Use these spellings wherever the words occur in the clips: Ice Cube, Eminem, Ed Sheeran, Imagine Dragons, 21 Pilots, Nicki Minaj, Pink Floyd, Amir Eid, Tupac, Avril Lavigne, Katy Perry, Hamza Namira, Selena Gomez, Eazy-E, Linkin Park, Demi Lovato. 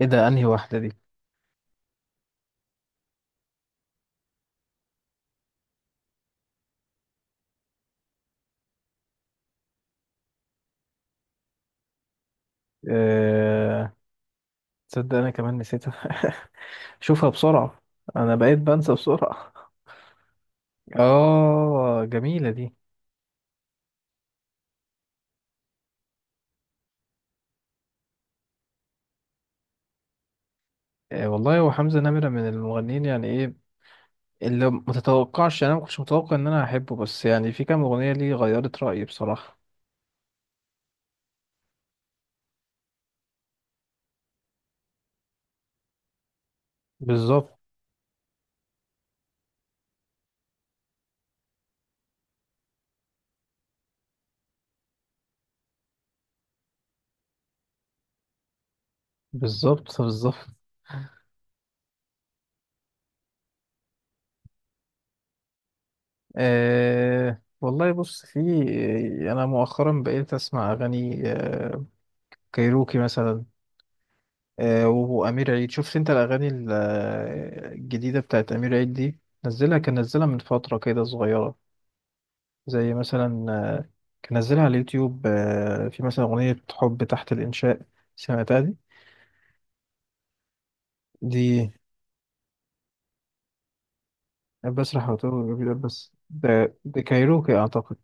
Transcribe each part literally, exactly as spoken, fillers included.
ايه ده، انهي واحدة دي؟ أه... تصدق انا كمان نسيتها. شوفها بسرعة. انا بقيت بنسى بسرعة. اه، جميلة دي. أه والله، هو حمزة نمرة من المغنيين، يعني ايه اللي متتوقعش. انا ما كنتش متوقع ان انا هحبه، بس يعني في كام اغنية ليه غيرت رأيي بصراحة. بالظبط، بالظبط، بالظبط. أه... والله بص، في يعني انا مؤخرا بقيت اسمع اغاني، آه، كايروكي مثلا، آه، وأمير عيد. شفت أنت الأغاني ال- آه، الجديدة بتاعت أمير عيد دي؟ نزلها، كان نزلها من فترة كده صغيرة، زي مثلا، آه، كان نزلها على اليوتيوب، آه، في مثلا أغنية حب تحت الإنشاء. سمعتها دي؟ دي بسرح على طول جميل، بس ده ده كايروكي أعتقد.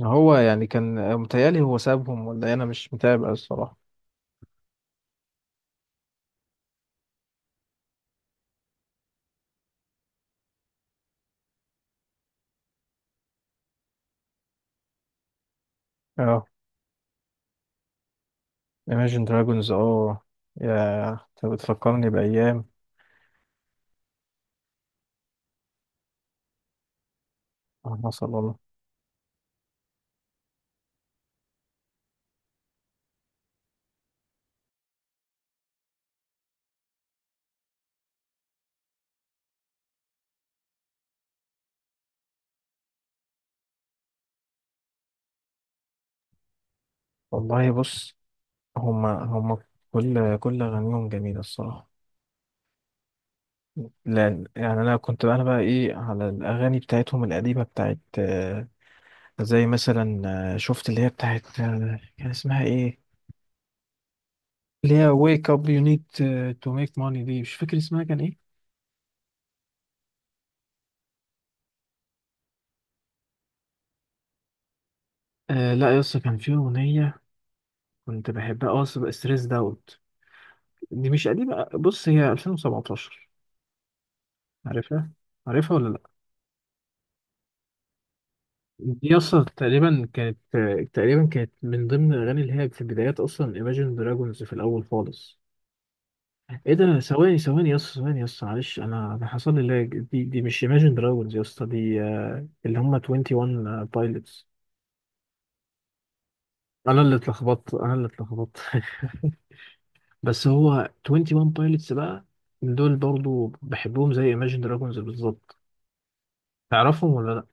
هو يعني كان، آه، متهيألي هو سابهم ولا إيه؟ أنا مش متابع الصراحة. اه، Imagine Dragons، اه. يا أنت بتفكرني بأيام. اللهم صل على النبي. والله بص، هما هما كل كل أغانيهم جميلة الصراحة. لا يعني، أنا كنت أنا بقى إيه على الأغاني بتاعتهم القديمة بتاعت، آه، زي مثلا، آه، شفت اللي هي بتاعت، آه، كان اسمها إيه؟ اللي هي wake up you need uh, to make money، دي مش فاكر اسمها كان إيه. آه لا، يس، كان في أغنية كنت بحبها، أه، ستريس داوت. دي مش قديمة، بص هي ألفين وسبعتاشر. عارفها؟ عارفها ولا لأ؟ دي اصلا تقريبا كانت تقريبا كانت من ضمن الاغاني اللي هي في بدايات اصلا Imagine Dragons في الاول خالص. ايه ده، ثواني ثواني يا اسطى، ثواني يا اسطى معلش، انا انا حصل لي لاج. دي دي مش Imagine Dragons يا اسطى، دي آه، اللي هم واحد وعشرين بايلوتس. انا اللي اتلخبطت، انا اللي اتلخبطت. بس هو واحد وعشرين بايلوتس بقى، دول برضو بحبهم زي Imagine Dragons بالظبط. تعرفهم ولا لا؟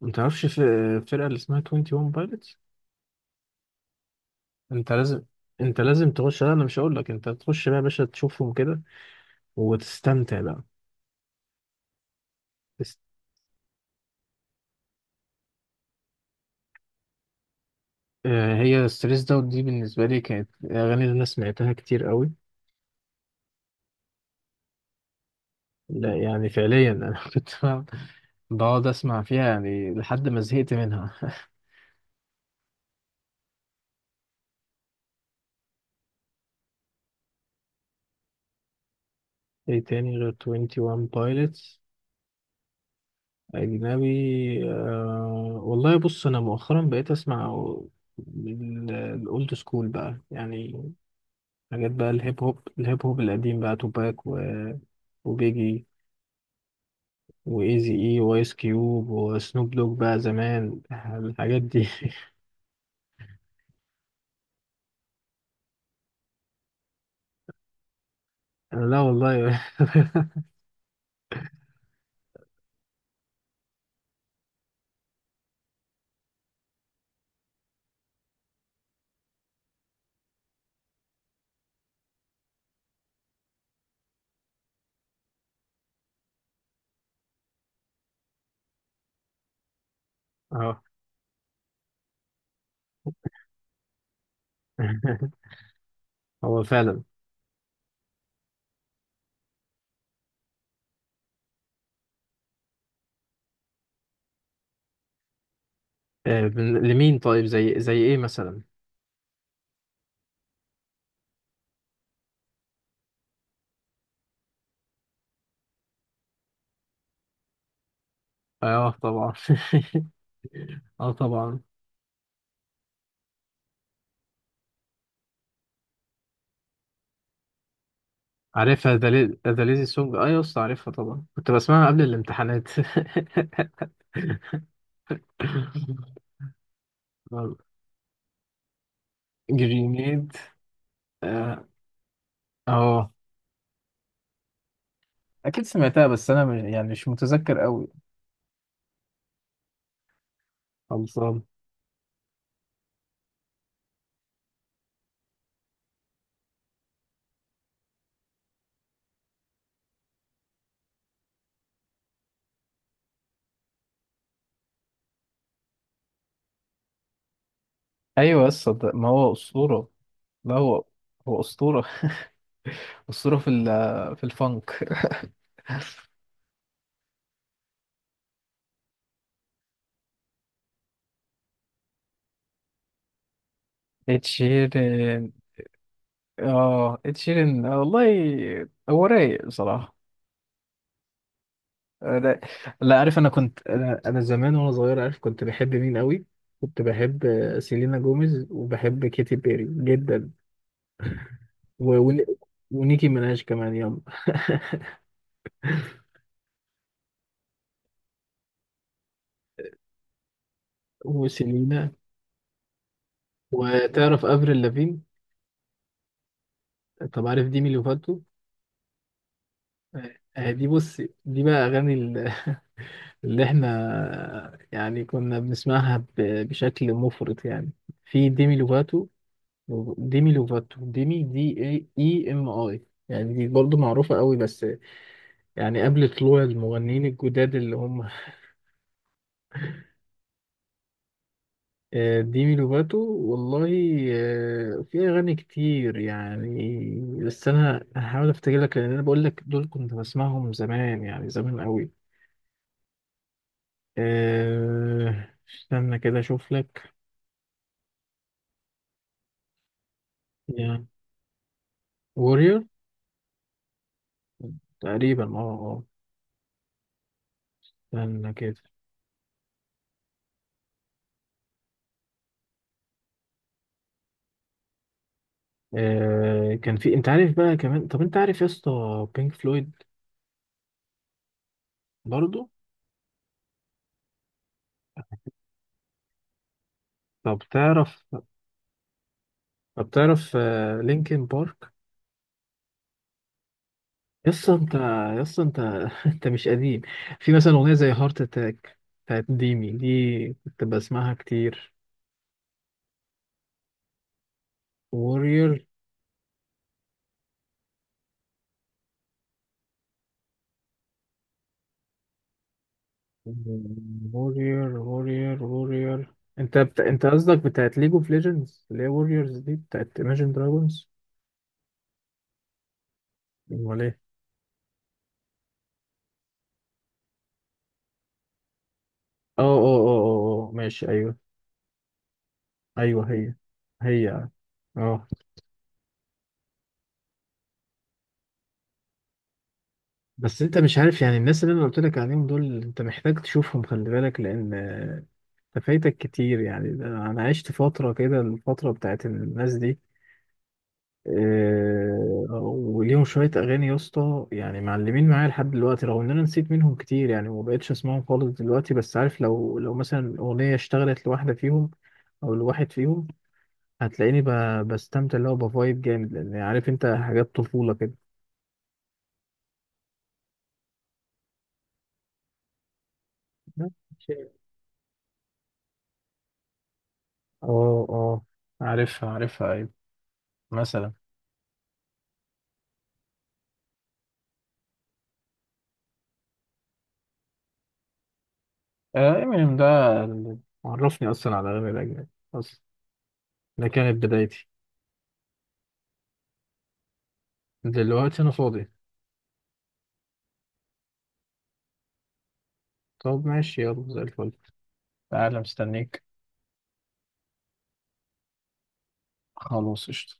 ما تعرفش في- فرقة اللي اسمها واحد وعشرين Pilots؟ انت لازم انت لازم تخش. لا انا مش هقول لك، انت تخش بقى يا باشا تشوفهم كده وتستمتع بقى. تست... آه، هي ستريس داوت دي بالنسبه لي كانت اغاني اللي انا سمعتها كتير قوي. لا يعني فعليا انا كنت بقعد اسمع فيها يعني لحد ما زهقت منها. ايه تاني غير واحد وعشرين بايلوتس؟ اجنبي، آه... والله بص، انا مؤخرا بقيت اسمع الاولد سكول بقى يعني، حاجات بقى، الهيب هوب الهيب هوب القديم بقى، توباك و... وبيجي وايزي اي، وايس كيوب، وسنوب دوج بقى زمان، الحاجات دي. لا والله. اه. هو فعلا. آه، بن- لمين طيب؟ زي زي ايه مثلا؟ اه طبعا. اه طبعا، عارفها، دليل دليل سونج، اه يا اسطى عارفها طبعا، كنت بسمعها قبل الامتحانات. جرينيد. اه، آه، اكيد سمعتها، بس انا م- يعني مش متذكر قوي. خلصان. ايوه يا اسطى، ده- ما هو اسطوره. لا، هو هو أسطورة، أسطورة في ال- في الفانك. ed شيرين. اه ed شيرين، آه، والله هو رايق بصراحة. آه، لا، لا عارف، انا كنت انا انا زمان وانا صغير، عارف كنت بحب مين قوي؟ كنت بحب، آه، سيلينا جوميز، وبحب كيتي بيري جدا، و... ون- ونيكي ميناج كمان يلا. وسيلينا. وتعرف افريل لافين؟ طب عارف ديمي لوفاتو؟ آه، آه، دي بص، دي بقى اغاني اللي احنا يعني كنا بنسمعها ب- بشكل مفرط يعني. في ديمي لوفاتو ديمي لوفاتو ديمي، دي اي اي ام اي، يعني دي برضه معروفة قوي، بس يعني قبل طلوع المغنيين الجداد اللي هم، آه، ديمي لوفاتو. والله، آه، في أغاني كتير يعني، بس أنا هحاول أفتكر لك، لأن أنا بقول لك دول كنت بسمعهم زمان يعني زمان قوي. آه، استنى كده أشوف لك. يعني وورير تقريبا، اه آه. استنى كده. آه، كان في، انت عارف بقى كمان، طب انت عارف يا اسطى بينك فلويد؟ برضو. طب تعرف؟ طب تعرف آه لينكن بارك؟ يا اسطى انت يا اسطى انت. انت مش قديم. في مثلا اغنيه زي هارت اتاك بتاعت ديمي، دي كنت بسمعها كتير. وورير وورير وورير وورير انت بت... انت قصدك بتاعت ليج اوف ليجندز اللي هي ووريرز دي بتاعت ايماجين دراجونز، ولا ايه؟ اه اه اه اه، آه، ماشي ايوه. ايوه هي هي اه آه. بس انت مش عارف يعني، الناس اللي انا قلت لك عليهم دول انت محتاج تشوفهم، خلي بالك، لان، آه، انت فايتك كتير يعني. ده انا عشت فتره كده الفتره بتاعت الناس دي، آه، وليهم شويه اغاني يا اسطى، يعني معلمين معايا لحد دلوقتي، رغم ان انا نسيت منهم كتير يعني وما بقتش اسمعهم خالص دلوقتي، بس عارف، لو لو مثلا اغنيه اشتغلت لواحده فيهم او لواحد فيهم، هتلاقيني ب- بستمتع اللي هو بفايب جامد، لان عارف انت حاجات طفوله كده. اه اه، عارفها عارفها، ايوه. مثلا. امينيم ده اللي عرفني اصلا على الاغاني الاجنبي اصلا، ده كانت بدايتي. دلوقتي انا فاضي. طب ماشي، يلا زي الفل، تعالى مستنيك. خلاص قشطة.